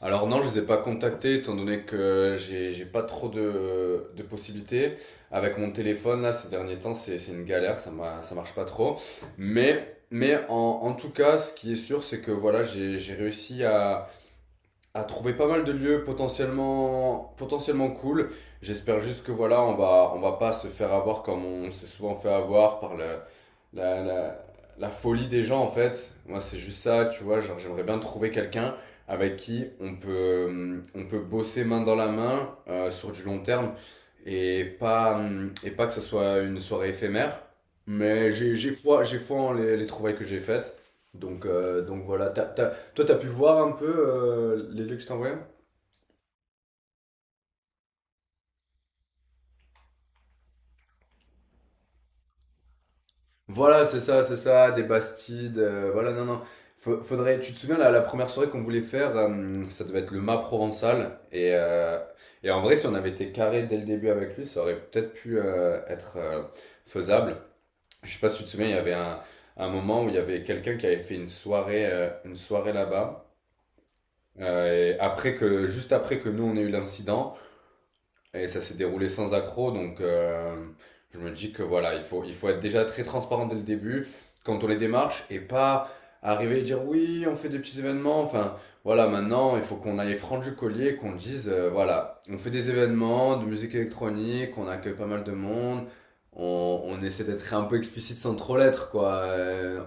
Alors non, je les ai pas contactés étant donné que j'ai pas trop de possibilités. Avec mon téléphone, là, ces derniers temps, c'est une galère, ça marche pas trop. Mais en tout cas, ce qui est sûr, c'est que voilà, j'ai réussi à trouver pas mal de lieux potentiellement, potentiellement cool. J'espère juste que voilà, on va pas se faire avoir comme on s'est souvent fait avoir par la, la, la folie des gens en fait. Moi, c'est juste ça, tu vois. Genre, j'aimerais bien trouver quelqu'un avec qui on peut bosser main dans la main sur du long terme et pas que ça soit une soirée éphémère. Mais j'ai foi en les trouvailles que j'ai faites. Donc voilà, toi, t'as pu voir un peu les lieux que je t'envoyais. Voilà, c'est ça, des Bastides, voilà, non, non. Faudrait, tu te souviens, la première soirée qu'on voulait faire, ça devait être le mât provençal. Et en vrai, si on avait été carré dès le début avec lui, ça aurait peut-être pu être faisable. Je sais pas si tu te souviens, il y avait un moment où il y avait quelqu'un qui avait fait une soirée là-bas. Et juste après que nous, on ait eu l'incident. Et ça s'est déroulé sans accroc, donc je me dis que voilà, il faut être déjà très transparent dès le début quand on les démarche et pas arriver et dire oui, on fait des petits événements. Enfin, voilà, maintenant, il faut qu'on aille franc du collier, qu'on dise voilà, on fait des événements de musique électronique, on accueille pas mal de monde, on essaie d'être un peu explicite sans trop l'être, quoi.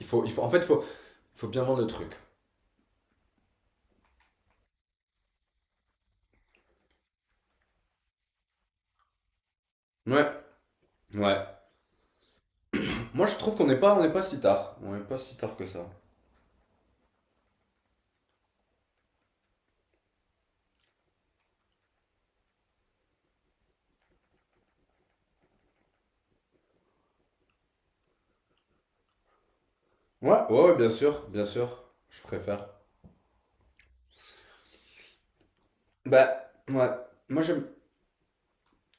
Il faut, en fait, il faut bien vendre le truc. Ouais, ouais. Moi, je trouve qu'on n'est pas si tard. On n'est pas si tard que ça. Ouais, ouais, ouais, bien sûr, je préfère. Bah, ouais, moi j'aime.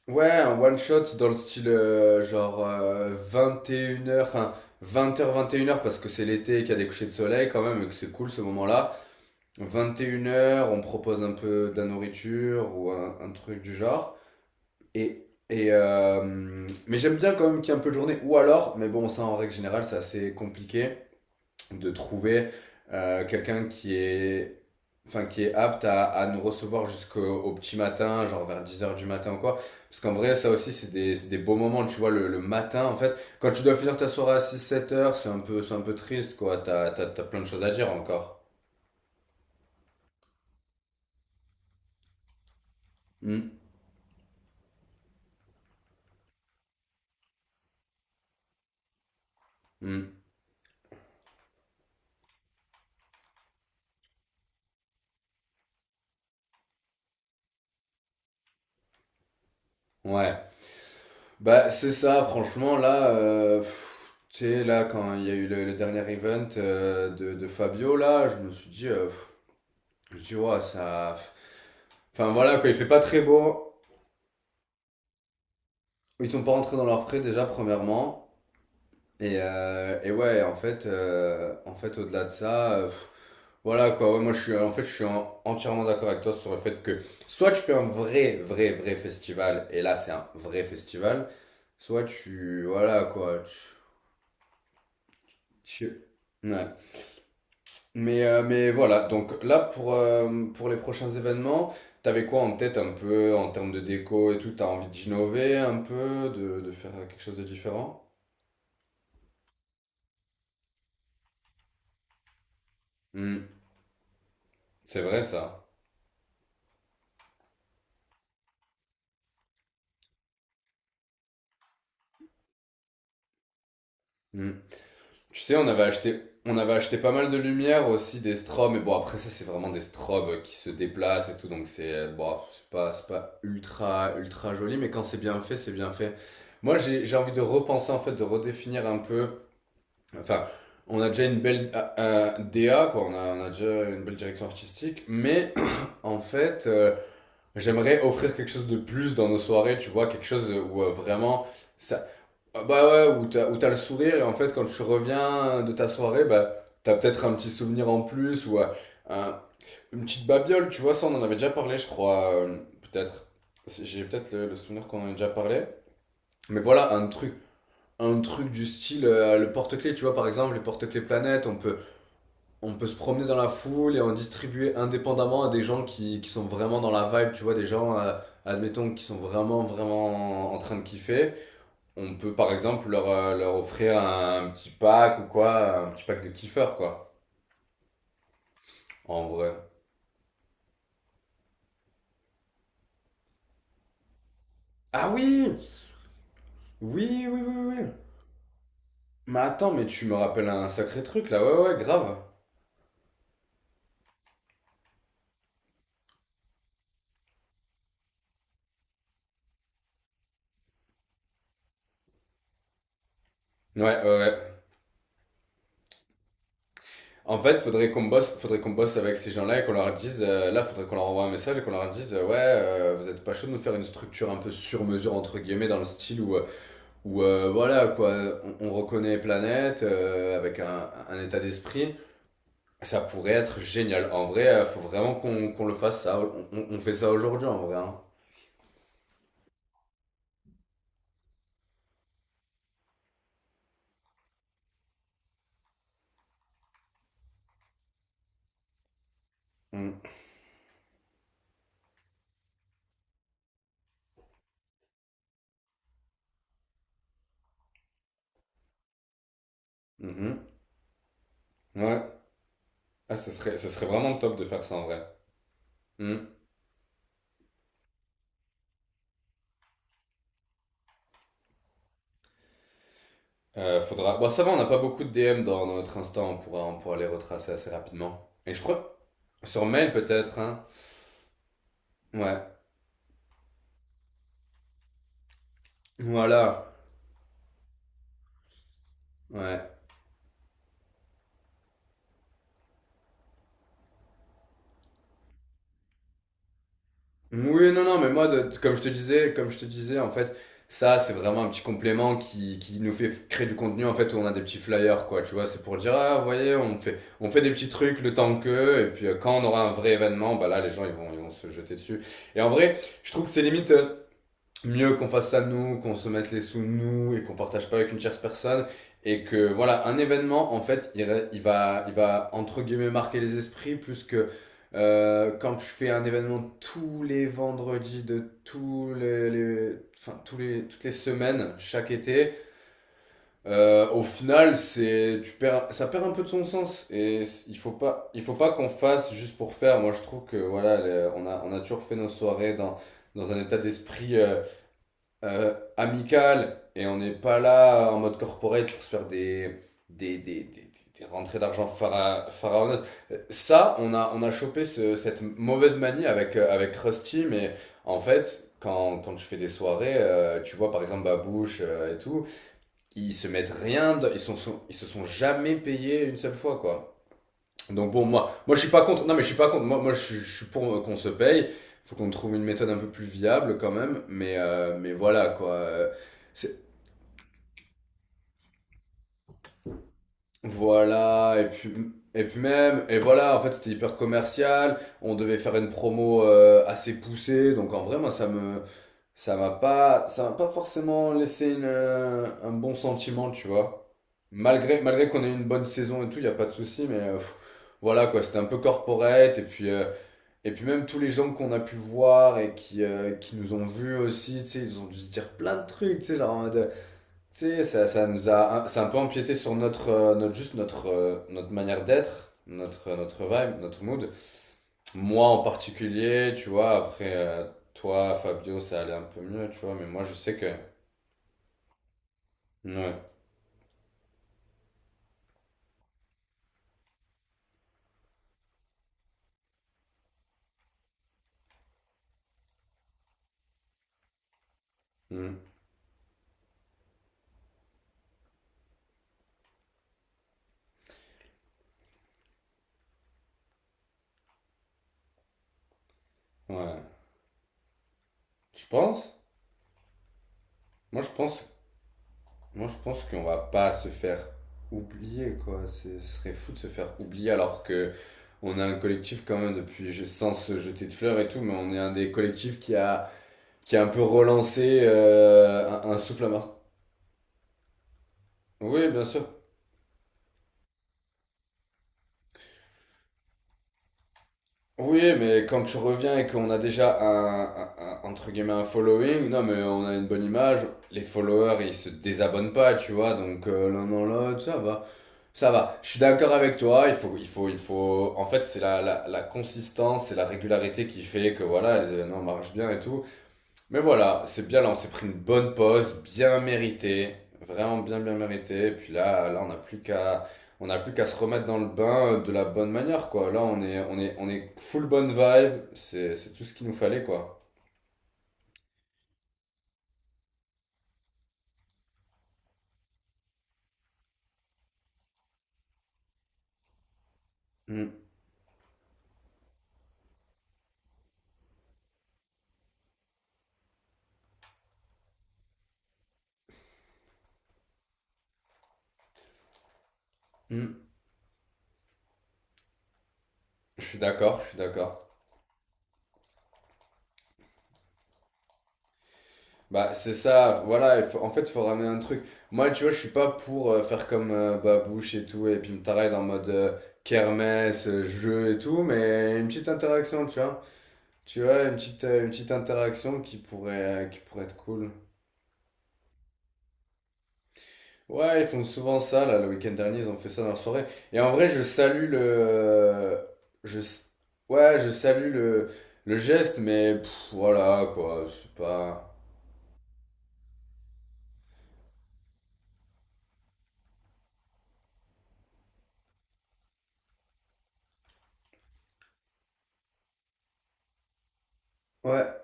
Ouais, un one shot dans le style genre 21 heures, enfin 20 heures, 21 heures, parce que c'est l'été et qu'il y a des couchers de soleil quand même et que c'est cool ce moment-là. 21 heures, on propose un peu de la nourriture ou un truc du genre. Mais j'aime bien quand même qu'il y ait un peu de journée. Ou alors, mais bon, ça en règle générale, c'est assez compliqué de trouver quelqu'un enfin, qui est apte à nous recevoir jusqu'au au petit matin, genre vers 10 heures du matin ou quoi. Parce qu'en vrai, ça aussi, c'est des beaux moments, tu vois, le matin, en fait. Quand tu dois finir ta soirée à six sept heures, c'est un peu triste, quoi. T'as plein de choses à dire encore. Hmm, hmm. Ouais. Bah, c'est ça, franchement, là, tu sais, là, quand il y a eu le dernier event de Fabio, là, je me suis dit. Tu vois, ça. Enfin voilà, quoi, il fait pas très beau. Ils sont pas rentrés dans leurs frais déjà, premièrement. Et ouais, en fait au-delà de ça, voilà quoi. Ouais, moi, en fait, je suis entièrement d'accord avec toi sur le fait que soit tu fais un vrai, vrai, vrai festival, et là, c'est un vrai festival, soit tu. Voilà quoi. Tu... tu- Ouais. Mais voilà, donc là pour les prochains événements, t'avais quoi en tête un peu en termes de déco et tout? T'as envie d'innover un peu, de faire quelque chose de différent? Hmm, c'est vrai ça. Hmm. Tu sais, on avait acheté pas mal de lumière aussi, des strobes, mais bon après ça c'est vraiment des strobes qui se déplacent et tout, donc c'est bon, c'est pas ultra ultra joli, mais quand c'est bien fait, c'est bien fait. Moi j'ai envie de repenser en fait, de redéfinir un peu. Enfin, on a déjà une belle DA, quoi. On a déjà une belle direction artistique. Mais en fait, j'aimerais offrir quelque chose de plus dans nos soirées, tu vois, quelque chose où vraiment. Ça, ah, bah ouais, où t'as le sourire et en fait, quand tu reviens de ta soirée, bah, t'as peut-être un petit souvenir en plus ou un- une petite babiole, tu vois. Ça, on en avait déjà parlé, je crois, peut-être. J'ai peut-être le souvenir qu'on en a déjà parlé. Mais voilà, un truc du style le porte-clés, tu vois, par exemple, les porte-clés planète, on peut se promener dans la foule et en distribuer indépendamment à des gens qui sont vraiment dans la vibe, tu vois, des gens, admettons, qui sont vraiment, vraiment en train de kiffer. On peut, par exemple, leur offrir un petit pack ou quoi, un petit pack de kiffeurs, quoi, en vrai. Ah oui. Oui, oui, oui, oui, oui. Mais attends, mais tu me rappelles un sacré truc, là, ouais, ouais, grave. Ouais, ouais, ouais. En fait, faudrait qu'on bosse avec ces gens-là et qu'on leur dise, là, faudrait qu'on leur envoie un message et qu'on leur dise, vous êtes pas chaud de nous faire une structure un peu sur mesure entre guillemets dans le style où, voilà quoi, on reconnaît Planète avec un état d'esprit. Ça pourrait être génial. En vrai, faut vraiment qu'on le fasse ça. On fait ça aujourd'hui en vrai, hein. Mm. Mhm. Ouais. Ah, ce serait vraiment top de faire ça en vrai. Mm. Bon, ça va, on n'a pas beaucoup de DM dans notre Insta, on pourra les retracer assez rapidement. Et je crois... Sur mail peut-être, hein. Ouais. Voilà. Ouais. Oui, non, non, mais moi, de- comme je te disais, comme je te disais, en fait, ça, c'est vraiment un petit complément qui nous fait créer du contenu, en fait, où on a des petits flyers, quoi, tu vois, c'est pour dire, ah, vous voyez, on fait des petits trucs le temps que, et puis quand on aura un vrai événement, bah là, les gens, ils vont se jeter dessus. Et en vrai, je trouve que c'est limite, mieux qu'on fasse ça nous, qu'on se mette les sous nous et qu'on partage pas avec une tierce personne, et que voilà, un événement en fait il va entre guillemets marquer les esprits plus que quand je fais un événement tous les vendredis de tous les toutes les semaines chaque été. Au final, c'est tu perds ça perd un peu de son sens. Et il faut pas qu'on fasse juste pour faire. Moi je trouve que voilà, on a toujours fait nos soirées dans un état d'esprit amical, et on n'est pas là en mode corporate pour se faire des, des, des, des rentrées d'argent pharaoneuses. Ça, on a chopé cette mauvaise manie avec Krusty, mais en fait, quand je fais des soirées, tu vois, par exemple, Babouche et tout, ils se mettent rien, ils se sont jamais payés une seule fois, quoi. Donc bon, moi je suis pas contre. Non, mais je suis pas contre. Moi je suis pour qu'on se paye. Faut qu'on trouve une méthode un peu plus viable quand même. Mais voilà quoi. C'est- Voilà. Et puis même. Et voilà. En fait, c'était hyper commercial. On devait faire une promo assez poussée. Donc en vrai, moi, ça m'a pas forcément laissé un bon sentiment, tu vois. Malgré qu'on ait eu une bonne saison et tout, il y a pas de souci. Mais voilà quoi. C'était un peu corporate. Et puis même tous les gens qu'on a pu voir et qui nous ont vus aussi, tu sais, ils ont dû se dire plein de trucs, tu sais, genre en mode... Tu sais, ça a un peu empiété sur notre... notre manière d'être, notre vibe, notre mood. Moi en particulier, tu vois, après... toi, Fabio, ça allait un peu mieux, tu vois, mais moi je sais que... Ouais. Mm. Ouais. Tu penses? Moi je pense Moi, je pense qu'on va pas se faire oublier, quoi. Ce serait fou de se faire oublier alors que on a un collectif quand même depuis, sans se jeter de fleurs et tout, mais on est un des collectifs qui a un peu relancé un souffle à Marseille. Oui, bien sûr. Oui, mais quand tu reviens et qu'on a déjà entre guillemets, un following, non, mais on a une bonne image, les followers, ils se désabonnent pas, tu vois, donc l'un dans l'autre, ça va. Ça va, je suis d'accord avec toi, En fait, c'est la consistance et la régularité qui fait que voilà, les événements marchent bien et tout. Mais voilà, c'est bien là, on s'est pris une bonne pause, bien méritée, vraiment bien bien méritée. Et puis on n'a plus qu'à se remettre dans le bain de la bonne manière, quoi. Là, on est full bonne vibe, c'est tout ce qu'il nous fallait, quoi. Mm, mm. Je suis d'accord, je suis d'accord. Bah, c'est ça, voilà, en fait, il faut ramener un truc. Moi, tu vois, je suis pas pour faire comme Babouche et tout, et puis me tarer en mode kermesse, jeu et tout, mais une petite interaction, tu vois. Tu vois, une petite interaction qui pourrait être cool. Ouais, ils font souvent ça, là, le week-end dernier, ils ont fait ça dans la soirée. Et en vrai, je salue le... Je... s- Ouais, je salue le geste, mais voilà, quoi, c'est pas... Ouais.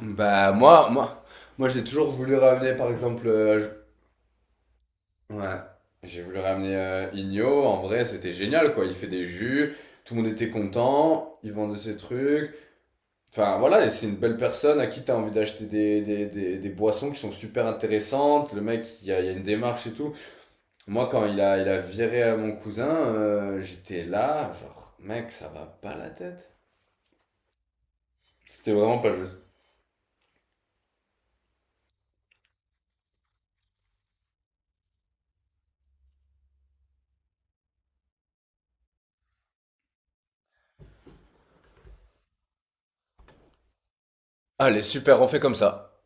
Bah, moi j'ai toujours voulu ramener, par exemple. Ouais. J'ai voulu ramener Igno. En vrai, c'était génial, quoi. Il fait des jus, tout le monde était content, il vendait ses trucs. Enfin, voilà, et c'est une belle personne à qui t'as envie d'acheter des boissons qui sont super intéressantes. Le mec, il y a une démarche et tout. Moi, quand il a viré à mon cousin, j'étais là, genre, mec, ça va pas la tête. C'était vraiment pas juste. Allez, super, on fait comme ça.